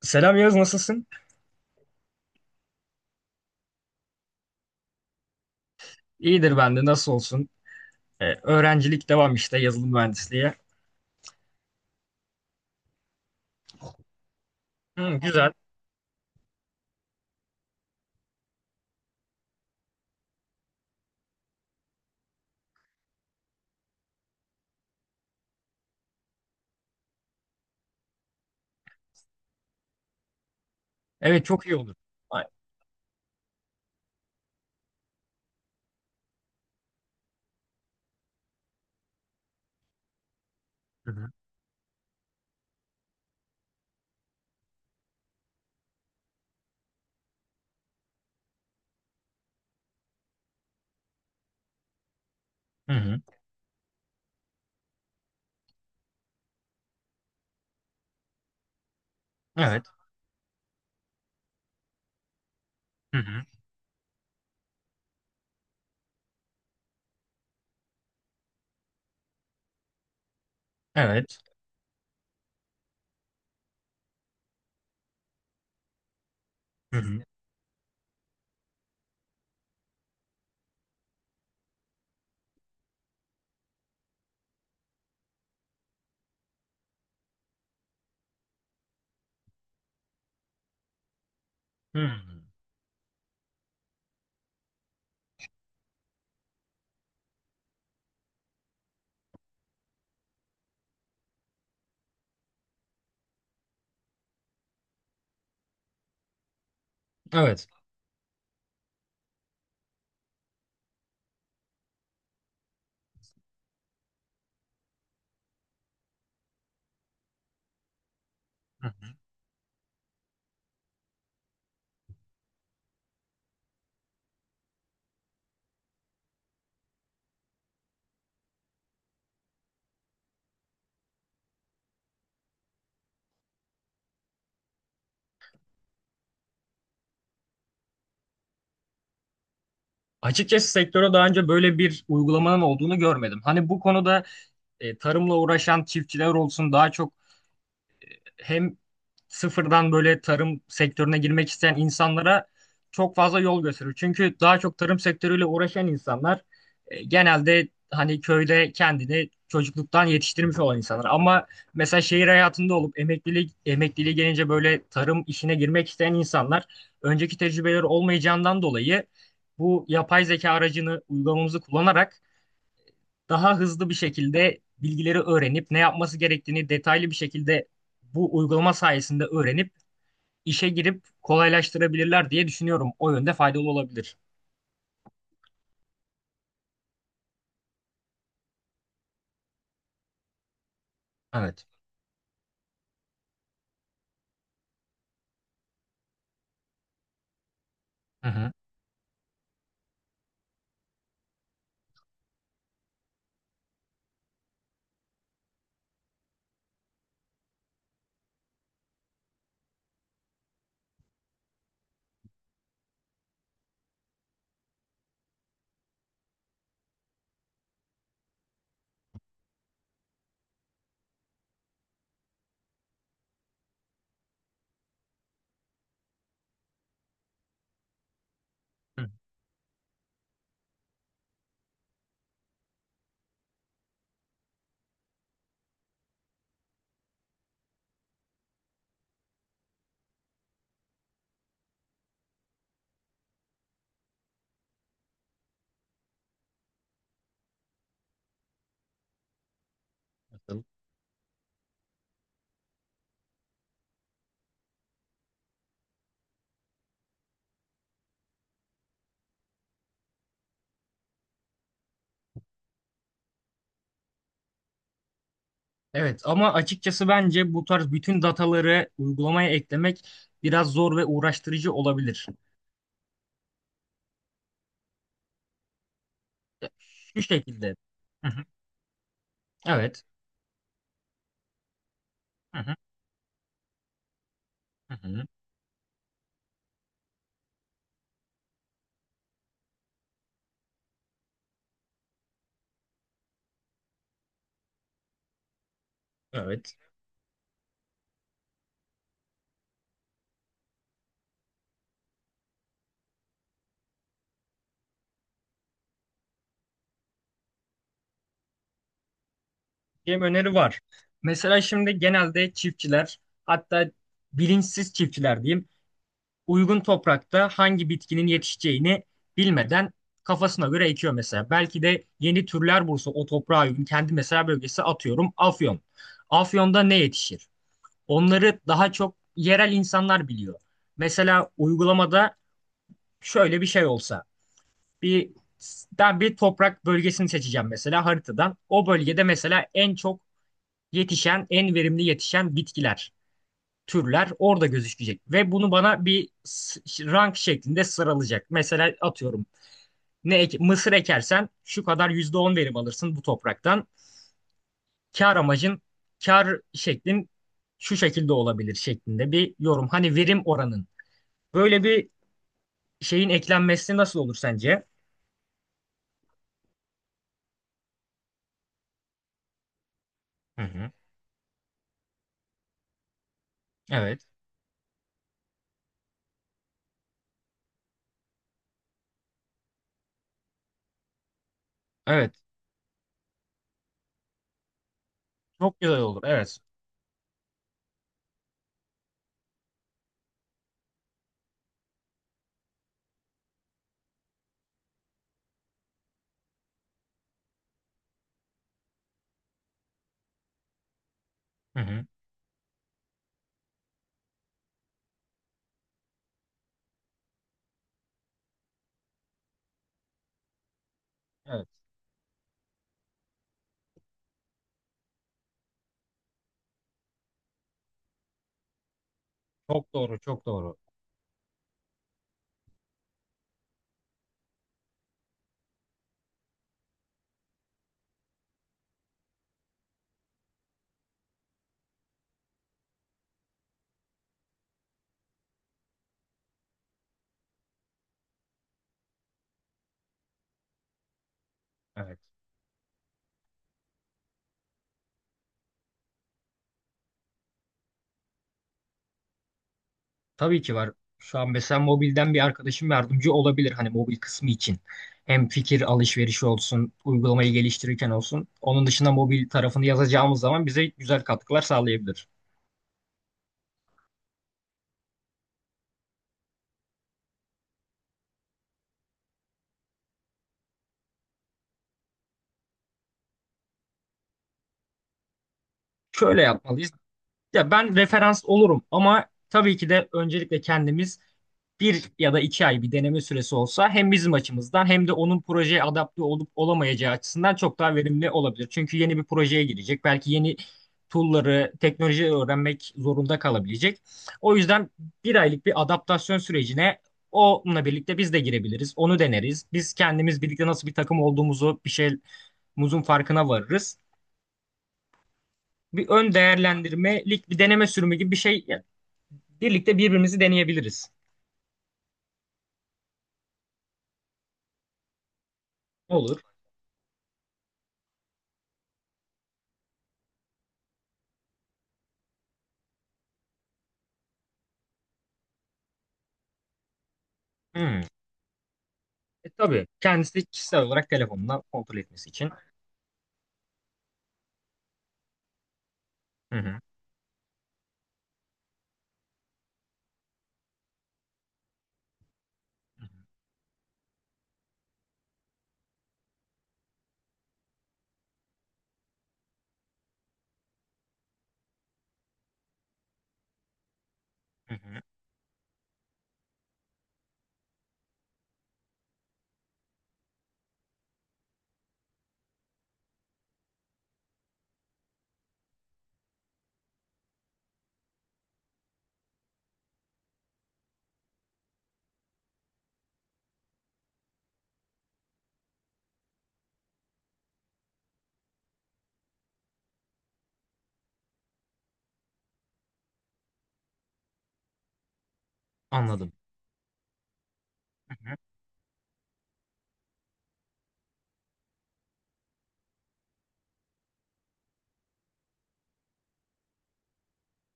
Selam Yağız nasılsın? İyidir ben de nasıl olsun? Öğrencilik devam işte yazılım mühendisliği. Hı, güzel. Evet çok iyi olur. Ay- Hı hı. Hı hı. Evet. Hı hı. Evet. Hı hı. Hı. Evet. Hı hı. Açıkçası sektöre daha önce böyle bir uygulamanın olduğunu görmedim. Hani bu konuda tarımla uğraşan çiftçiler olsun daha çok hem sıfırdan böyle tarım sektörüne girmek isteyen insanlara çok fazla yol gösteriyor. Çünkü daha çok tarım sektörüyle uğraşan insanlar genelde hani köyde kendini çocukluktan yetiştirmiş olan insanlar. Ama mesela şehir hayatında olup emekliliğe gelince böyle tarım işine girmek isteyen insanlar önceki tecrübeleri olmayacağından dolayı bu yapay zeka aracını uygulamamızı kullanarak daha hızlı bir şekilde bilgileri öğrenip ne yapması gerektiğini detaylı bir şekilde bu uygulama sayesinde öğrenip işe girip kolaylaştırabilirler diye düşünüyorum. O yönde faydalı olabilir. Evet. Hı hı. Hı hı. Evet ama açıkçası bence bu tarz bütün dataları uygulamaya eklemek biraz zor ve uğraştırıcı olabilir. Şu şekilde. Hı hı. Evet. Hı hı. Hı hı. Evet. Benim öneri var. Mesela şimdi genelde çiftçiler hatta bilinçsiz çiftçiler diyeyim uygun toprakta hangi bitkinin yetişeceğini bilmeden kafasına göre ekiyor mesela. Belki de yeni türler bulsa o toprağa uygun kendi mesela bölgesi atıyorum Afyon. Afyon'da ne yetişir? Onları daha çok yerel insanlar biliyor. Mesela uygulamada şöyle bir şey olsa bir ben bir toprak bölgesini seçeceğim mesela haritadan. O bölgede mesela en çok yetişen, en verimli yetişen bitkiler türler orada gözükecek ve bunu bana bir rank şeklinde sıralayacak. Mesela atıyorum mısır ekersen şu kadar %10 verim alırsın bu topraktan. Kar amacın kar şeklin şu şekilde olabilir şeklinde bir yorum. Hani verim oranın. Böyle bir şeyin eklenmesi nasıl olur sence? Hı hı. Evet. Evet. Çok güzel olur. Evet. Hı hı. Evet. Çok doğru, çok doğru. Evet. Tabii ki var. Şu an mesela mobilden bir arkadaşım yardımcı olabilir hani mobil kısmı için. Hem fikir alışverişi olsun, uygulamayı geliştirirken olsun. Onun dışında mobil tarafını yazacağımız zaman bize güzel katkılar sağlayabilir. Şöyle yapmalıyız. Ya ben referans olurum ama tabii ki de öncelikle kendimiz bir ya da 2 ay bir deneme süresi olsa hem bizim açımızdan hem de onun projeye adapte olup olamayacağı açısından çok daha verimli olabilir. Çünkü yeni bir projeye girecek. Belki yeni tool'ları, teknolojiyi öğrenmek zorunda kalabilecek. O yüzden bir aylık bir adaptasyon sürecine onunla birlikte biz de girebiliriz. Onu deneriz. Biz kendimiz birlikte nasıl bir takım olduğumuzu, bir şeyimizin farkına varırız. Bir ön değerlendirmelik bir deneme sürümü gibi bir şey yani birlikte birbirimizi deneyebiliriz. Olur. Hmm. Tabii kendisi kişisel olarak telefonundan kontrol etmesi için. Hı hı. Hı hı. Anladım. Hı hı.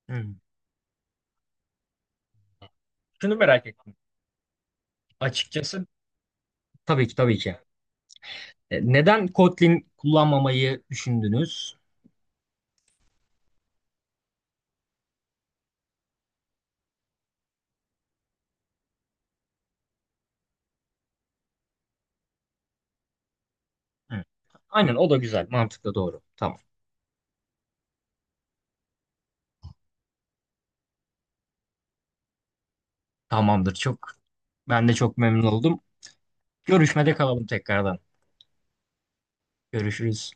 Hı. Şunu merak ettim. Açıkçası tabii ki tabii ki. Neden Kotlin kullanmamayı düşündünüz? Hı. Aynen o da güzel. Mantıklı doğru. Tamam. Tamamdır. Ben de çok memnun oldum. Görüşmede kalalım tekrardan. Görüşürüz.